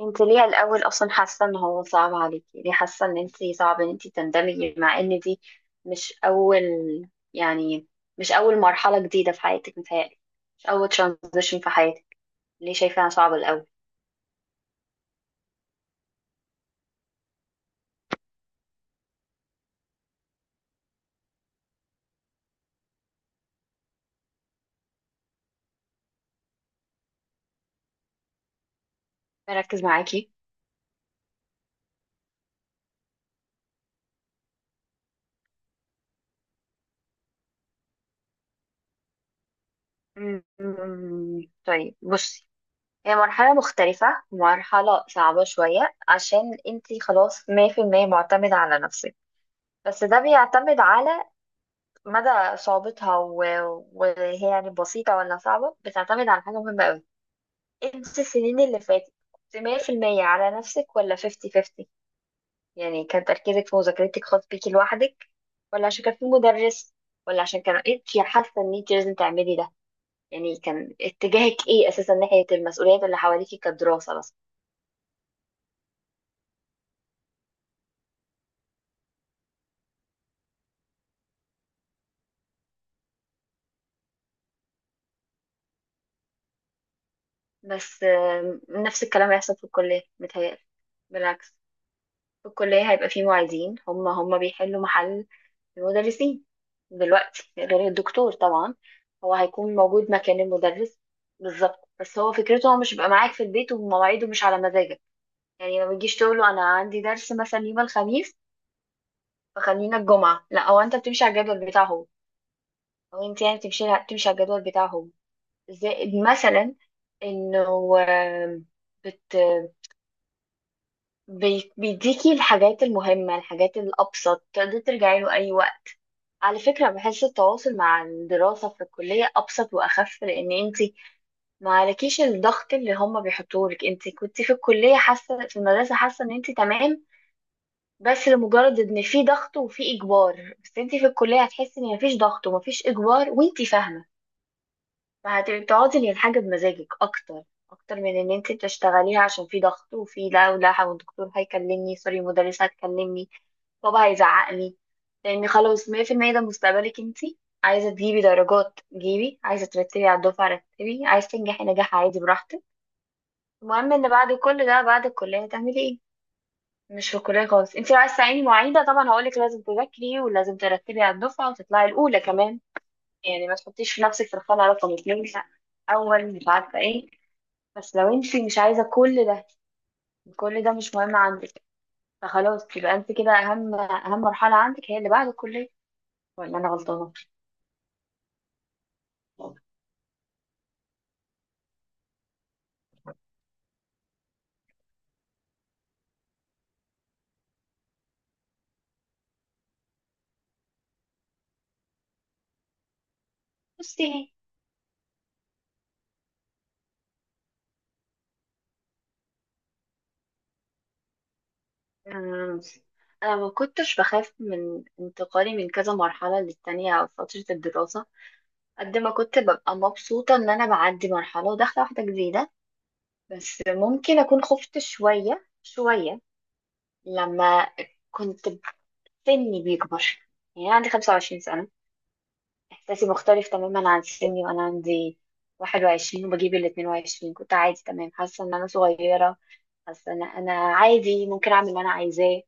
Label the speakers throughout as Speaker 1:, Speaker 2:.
Speaker 1: انت ليه الاول اصلا حاسه ان هو صعب عليكي؟ ليه حاسه ان انت صعب ان انت تندمجي مع ان دي؟ مش اول يعني مش اول مرحله جديده في حياتك متهيألي. مش اول ترانزيشن في حياتك. ليه شايفاها صعبه الاول؟ بركز معاكي. طيب، بصي، هي مرحله مختلفه، مرحله صعبه شويه عشان انت خلاص 100% معتمده على نفسك. بس ده بيعتمد على مدى صعوبتها وهي يعني بسيطة ولا صعبة، بتعتمد على حاجة مهمة أوي. انت السنين اللي فاتت كنت 100% على نفسك ولا 50 50؟ يعني كان تركيزك في مذاكرتك خاص بيكي لوحدك، ولا عشان كان في مدرس، ولا عشان كان انت حاسه ان انت لازم تعملي ده؟ يعني كان اتجاهك ايه اساسا ناحيه المسؤوليات اللي حواليكي كدراسه بس؟ بس نفس الكلام هيحصل في الكليه متهيألي. بالعكس، في الكلية هيبقى فيه معيدين، هم بيحلوا محل المدرسين دلوقتي. غير الدكتور طبعا، هو هيكون موجود مكان المدرس بالظبط. بس هو فكرته، هو مش بيبقى معاك في البيت، ومواعيده مش على مزاجك. يعني ما بتجيش تقول له انا عندي درس مثلا يوم الخميس فخلينا الجمعة. لا، هو انت بتمشي على الجدول بتاعه هو، او انت يعني بتمشي على الجدول بتاعه هو. زائد مثلا انه بت بيديكي الحاجات المهمة، الحاجات الأبسط تقدري ترجعي له أي وقت. على فكرة، بحس التواصل مع الدراسة في الكلية أبسط وأخف، لأن أنت ما عليكيش الضغط اللي هم بيحطوه لك. أنت كنت في الكلية حاسة، في المدرسة حاسة إن أنت تمام، بس لمجرد إن في ضغط وفي إجبار. بس أنت في الكلية هتحسي إن مفيش ضغط ومفيش إجبار، وأنت فاهمة، فهتبقي بتقعدي للحاجة بمزاجك أكتر، أكتر من إن أنت بتشتغليها عشان في ضغط وفي لا ولا والدكتور هيكلمني، سوري، المدرسة هتكلمني، بابا هيزعقني. لان خلاص 100% ده مستقبلك انتي. عايزه تجيبي درجات، جيبي؛ عايزه ترتبي على الدفعه، رتبي؛ عايزه تنجحي نجاح عادي، براحتك. المهم ان بعد كل ده، بعد الكليه هتعملي ايه. مش في الكليه خالص. انتي لو عايزه تعيني معيده، طبعا هقولك لازم تذاكري ولازم ترتبي على الدفعه وتطلعي الاولى كمان. يعني ما تحطيش في نفسك في الخانه رقم اتنين، لا، اول مش عارفه ايه. بس لو انتي مش عايزه كل ده، كل ده مش مهم عندك، فخلاص، يبقى انت كده اهم مرحله عندك هي اللي بعد الكليه. ولا انا غلطانه؟ بصي، آه، انا ما كنتش بخاف من انتقالي من كذا مرحله للتانية او فتره الدراسه، قد ما كنت ببقى مبسوطه ان انا بعدي مرحله وداخله واحده جديده. بس ممكن اكون خفت شويه شويه لما كنت سني بيكبر. يعني أنا عندي 25 سنه، احساسي مختلف تماما عن سني وانا عندي 21 وبجيب ال 22. كنت عادي تمام، حاسه ان انا صغيره، حاسه ان انا عادي ممكن اعمل اللي انا عايزاه.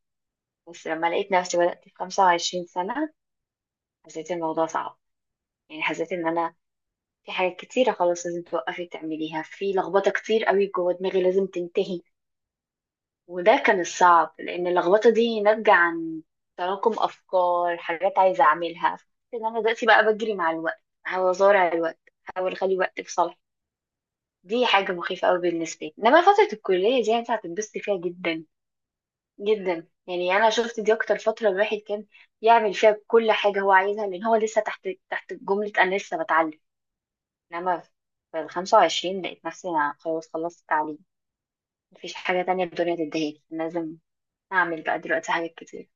Speaker 1: بس لما لقيت نفسي بدأت في 25 سنة، حسيت الموضوع صعب. يعني حسيت ان انا في حاجات كتيرة خلاص لازم توقفي تعمليها، في لخبطة كتير قوي جوه دماغي لازم تنتهي. وده كان الصعب، لان اللخبطة دي ناتجة عن تراكم افكار، حاجات عايزة اعملها، ان انا دلوقتي بقى بجري مع الوقت، بحاول ازارع الوقت، بحاول اخلي الوقت في صالحي. دي حاجة مخيفة قوي بالنسبة لي. انما فترة الكلية دي انت هتتبسطي فيها جدا جدا. يعني انا شفت دي اكتر فتره الواحد كان يعمل فيها كل حاجه هو عايزها، لان هو لسه تحت تحت جمله انا لسه بتعلم. انما في ال 25 لقيت نفسي انا خلاص خلصت التعليم، مفيش حاجه تانية الدنيا تديهالي، أنا لازم اعمل بقى دلوقتي حاجات كتير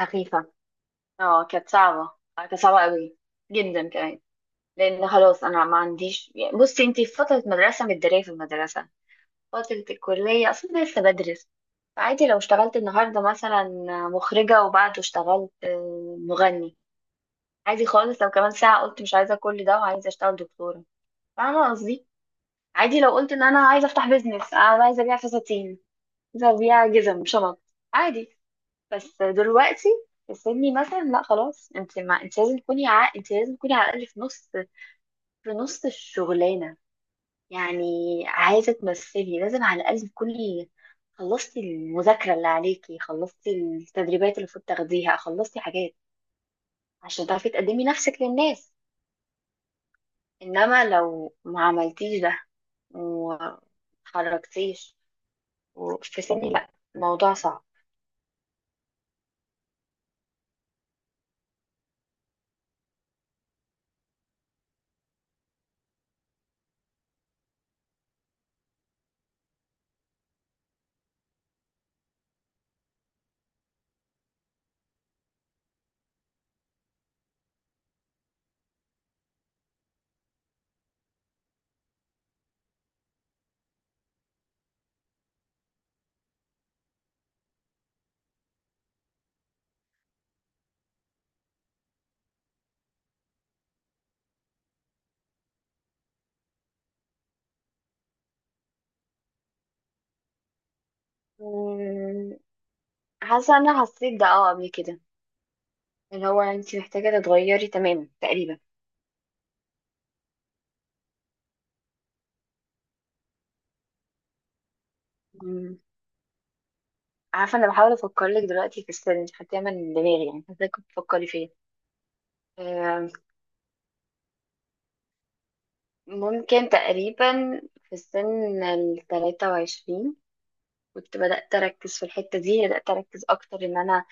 Speaker 1: خفيفه. اه، كانت صعبه. كانت صعبه قوي جدا كمان. لان خلاص انا ما عنديش، يعني بصي انتي في فتره مدرسه متداريه في المدرسه، فترة الكلية أصلا لسه بدرس. عادي لو اشتغلت النهاردة مثلا مخرجة وبعده اشتغلت مغني. عادي خالص لو كمان ساعة قلت مش عايزة كل ده وعايزة اشتغل دكتورة. فاهمة قصدي؟ عادي لو قلت ان انا عايزة افتح بيزنس، انا عايزة ابيع فساتين، عايزة ابيع جزم، شنط، عادي. بس دلوقتي في سني مثلا، لا، خلاص انت ما انت لازم تكوني انت لازم تكوني على الاقل في نص، في نص الشغلانة. يعني عايزة تمثلي، لازم على الأقل تكوني خلصتي المذاكرة اللي عليكي، خلصتي التدريبات اللي المفروض تاخديها، خلصتي حاجات عشان تعرفي تقدمي نفسك للناس. إنما لو ما عملتيش ده ومتحركتيش في سني، لأ، الموضوع صعب. مم، حاسة أنا حسيت ده، اه، قبل كده، اللي هو انتي محتاجة تتغيري تماما تقريبا. مم، عارفة أنا بحاول أفكر لك دلوقتي في السن حتى، من دماغي يعني، حاسة كنت بتفكري فيا. آه، ممكن تقريبا في سن التلاتة وعشرين كنت بدأت أركز في الحتة دي، بدأت أركز أكتر إن أنا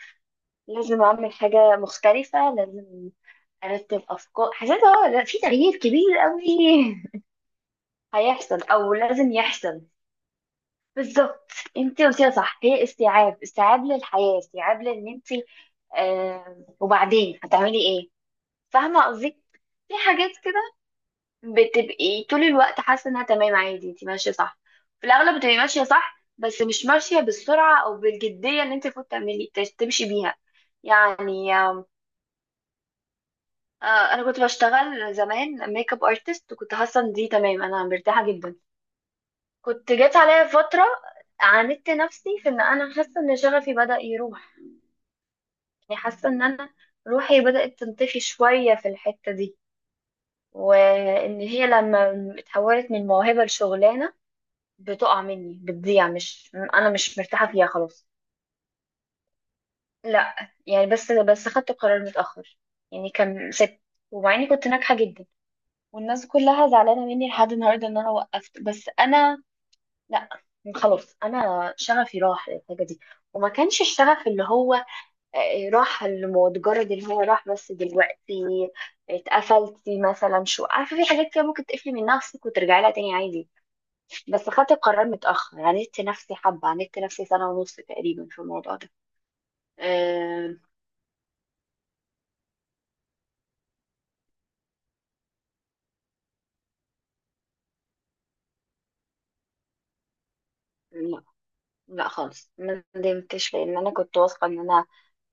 Speaker 1: لازم أعمل حاجة مختلفة، لازم أرتب أفكار. حسيت اه لا، في تغيير كبير أوي هيحصل أو لازم يحصل. بالظبط، انت قلتيها صح، هي استيعاب، استيعاب للحياة، استيعاب لأن انت وبعدين هتعملي ايه. فاهمة قصدي؟ في حاجات كده بتبقي طول الوقت حاسه انها تمام، عادي، انت ماشيه صح. في الاغلب بتبقي ماشيه صح، بس مش ماشيه بالسرعه او بالجديه اللي انت المفروض تعملي تمشي بيها. يعني انا كنت بشتغل زمان ميك اب ارتست، وكنت حاسه ان دي تمام، انا مرتاحه جدا. كنت جت عليا فتره عاندت نفسي في ان انا حاسه ان شغفي بدأ يروح، يعني حاسه ان انا روحي بدأت تنطفي شويه في الحته دي، وان هي لما اتحولت من موهبه لشغلانه بتقع مني، بتضيع، مش انا مش مرتاحه فيها خلاص. لا، يعني بس خدت قرار متاخر. يعني كان ست، ومع اني كنت ناجحه جدا والناس كلها زعلانه مني لحد النهارده ان انا وقفت، بس انا لا، خلاص انا شغفي راح للحاجه دي. وما كانش الشغف اللي هو، راح المتجرد اللي هو راح، بس دلوقتي اتقفلتي مثلا، شو عارفه، في حاجات كده ممكن تقفلي من نفسك وترجعي لها تاني عادي. بس خدت القرار متأخر، عاندت نفسي حبة، عاندت نفسي سنة ونص تقريبا في الموضوع ده. أه. لا لا خالص ما ندمتش، لأن أنا كنت واثقة إن أنا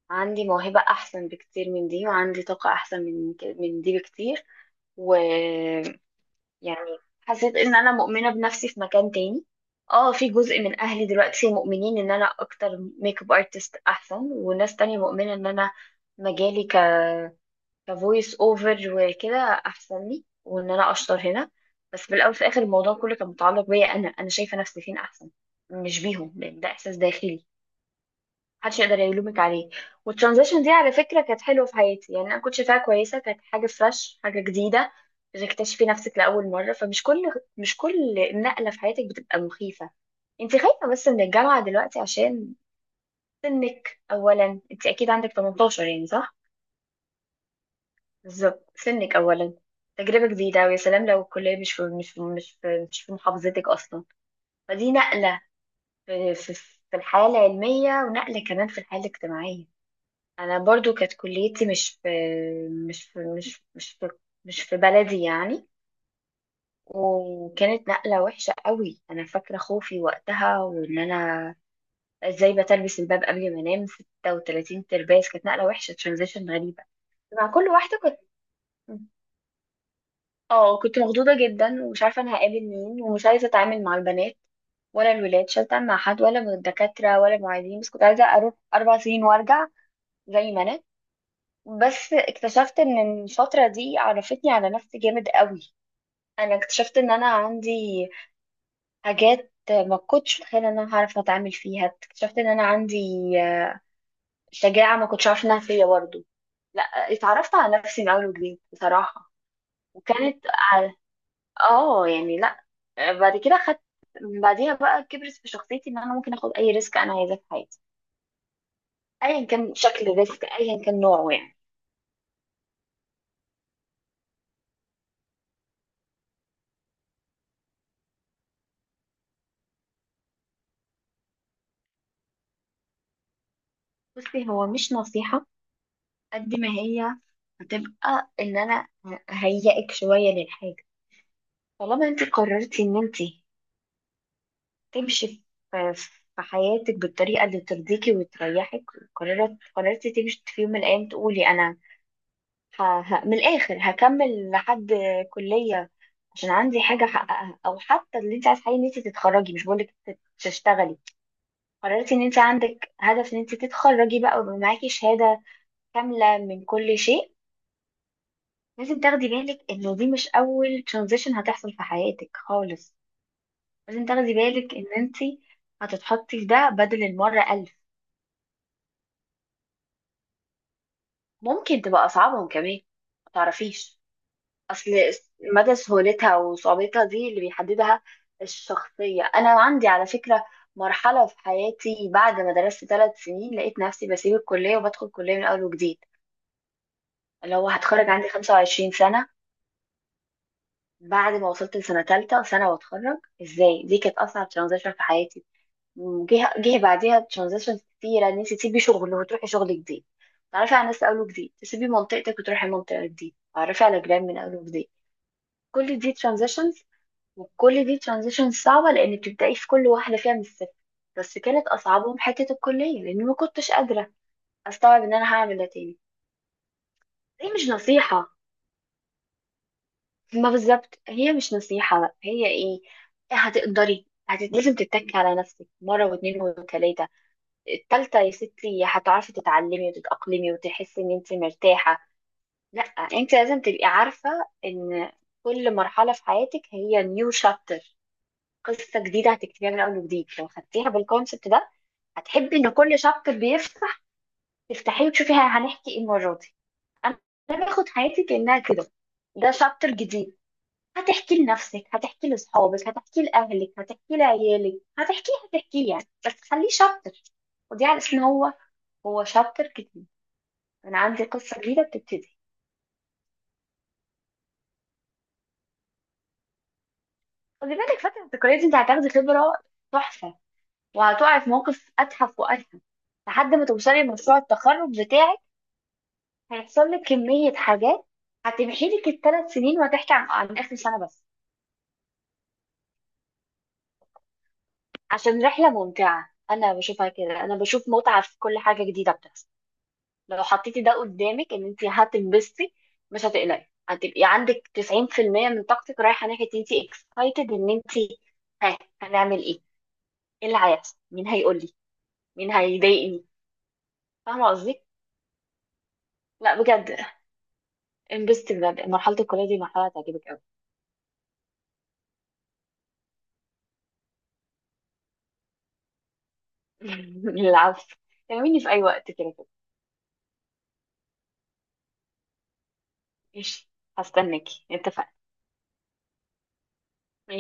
Speaker 1: عندي موهبة أحسن بكتير من دي، وعندي طاقة أحسن من دي بكتير. ويعني حسيت إن أنا مؤمنة بنفسي في مكان تاني. اه، في جزء من أهلي دلوقتي مؤمنين إن أنا أكتر ميك اب ارتست أحسن، وناس تانية مؤمنة إن أنا مجالي كفويس اوفر وكده احسن لي، وان انا اشطر هنا. بس في الاول في الاخر الموضوع كله كان متعلق بيا انا، انا شايفه نفسي فين احسن، مش بيهم، لان ده احساس داخلي محدش يقدر يلومك عليه. والترانزيشن دي على فكره كانت حلوه في حياتي، يعني انا كنت شايفاها كويسه، كانت حاجه فريش، حاجه جديده، بتكتشفي نفسك لاول مره. فمش كل مش كل نقله في حياتك بتبقى مخيفه. انت خايفه بس من الجامعه دلوقتي عشان سنك اولا، انت اكيد عندك 18، يعني صح؟ بالظبط. سنك أولا، تجربة جديدة، ويا سلام لو الكلية مش في محافظتك أصلا. فدي نقلة في, في, في الحياة العلمية، ونقلة كمان في الحياة الاجتماعية. أنا برضو كانت كليتي مش في مش في بلدي يعني. وكانت نقلة وحشة قوي، أنا فاكرة خوفي وقتها، وإن أنا إزاي بتلبس الباب قبل ما أنام 36 ترباس. كانت نقلة وحشة، ترانزيشن غريبة مع كل واحدة. كنت، اه، كنت مخضوضة جدا، ومش عارفة انا هقابل مين، ومش عايزة اتعامل مع البنات ولا الولاد، مش عايزة اتعامل مع حد ولا من الدكاترة ولا المعيدين، بس كنت عايزة اروح اربع سنين وارجع زي ما انا. بس اكتشفت ان الفترة دي عرفتني على نفسي جامد قوي. انا اكتشفت ان انا عندي حاجات ما كنتش متخيلة ان انا هعرف اتعامل فيها، اكتشفت ان انا عندي آه، شجاعة ما كنتش عارفة انها فيا برضه. لا، اتعرفت على نفسي من اول وجديد بصراحة. وكانت، اه يعني لا، بعد كده خدت، بعديها بقى كبرت في شخصيتي ان انا ممكن اخد اي ريسك انا عايزاه في حياتي، ايا كان شكل الريسك ايا كان نوعه يعني. بصي، هو مش نصيحة قد ما هي هتبقى ان انا هيئك شوية للحاجة. طالما انت قررتي ان انت تمشي في في حياتك بالطريقة اللي ترضيكي وتريحك، قررت، قررتي تمشي في يوم من الايام تقولي انا من الآخر هكمل لحد كلية عشان عندي حاجة أحققها، أو حتى اللي أنت عايز حقيقي إن أنت تتخرجي، مش بقولك تشتغلي. قررتي إن أنت عندك هدف إن أنت تتخرجي بقى ويبقى معاكي شهادة كاملة من كل شيء. لازم تاخدي بالك إن دي مش أول ترانزيشن هتحصل في حياتك خالص، لازم تاخدي بالك إن أنت هتتحطي في ده بدل المرة ألف. ممكن تبقى أصعبهم كمان، متعرفيش. اصل مدى سهولتها وصعوبتها دي اللي بيحددها الشخصية. انا عندي على فكرة مرحلة في حياتي بعد ما درست ثلاث سنين لقيت نفسي بسيب الكلية وبدخل كلية من اول وجديد، اللي هو هتخرج عندي 25 سنة. بعد ما وصلت لسنة ثالثة سنة واتخرج ازاي، دي كانت اصعب ترانزيشن في حياتي. جه بعديها ترانزيشن كتيرة، ان انت تسيبي شغل وتروحي شغل جديد، تعرفي على ناس اول وجديد، تسيبي منطقتك وتروحي منطقة جديدة، تعرفي على جيران من اول وجديد. كل دي transitions، وكل دي ترانزيشن صعبة لأن بتبدأي في كل واحدة فيها من الصفر. بس كانت أصعبهم حتة الكلية لأني ما كنتش قادرة أستوعب إن أنا هعمل ده تاني. هي مش نصيحة، ما بالظبط هي مش نصيحة بقى، هي إيه؟ هتقدري لازم تتكي على نفسك مرة واتنين وتلاتة. التالتة يا ستي هتعرفي تتعلمي وتتأقلمي وتحسي إن أنت مرتاحة. لأ، أنت لازم تبقي عارفة إن كل مرحلة في حياتك هي نيو شابتر، قصة جديدة هتكتبيها من أول وجديد. لو خدتيها بالكونسبت ده، هتحبي ان كل شابتر بيفتح تفتحيه وتشوفي هنحكي ايه المره دي. انا أنا باخد حياتي كانها كده، ده شابتر جديد. هتحكي لنفسك، هتحكي لاصحابك، هتحكي لاهلك، هتحكي لعيالك، هتحكي هتحكي يعني، بس خليه شابتر. ودي على اساس ان هو، هو شابتر جديد، انا عندي قصه جديده بتبتدي. خدي بالك فتره الذكريات دي انت هتاخدي خبره تحفه، وهتقعي في موقف اتحف واتحف لحد ما توصلي لمشروع التخرج بتاعك. هيحصل لك كمية حاجات هتمحي لك الثلاث سنين وهتحكي عن عن آخر سنة بس، عشان رحلة ممتعة. أنا بشوفها كده، أنا بشوف متعة في كل حاجة جديدة بتحصل. لو حطيتي ده قدامك إن أنت هتنبسطي، مش هتقلقي، هتبقي عندك 90% من طاقتك رايحة ناحية أنت اكسايتد إن أنت ها هنعمل إيه؟ إيه اللي هيحصل؟ مين هيقول لي؟ مين هيضايقني؟ فاهمة قصدي؟ لا بجد، انبسطي بجد، مرحلة الكلية دي مرحلة هتعجبك أوي. العفو. كلميني في أي وقت كده. ماشي، هستناكي، اتفقنا.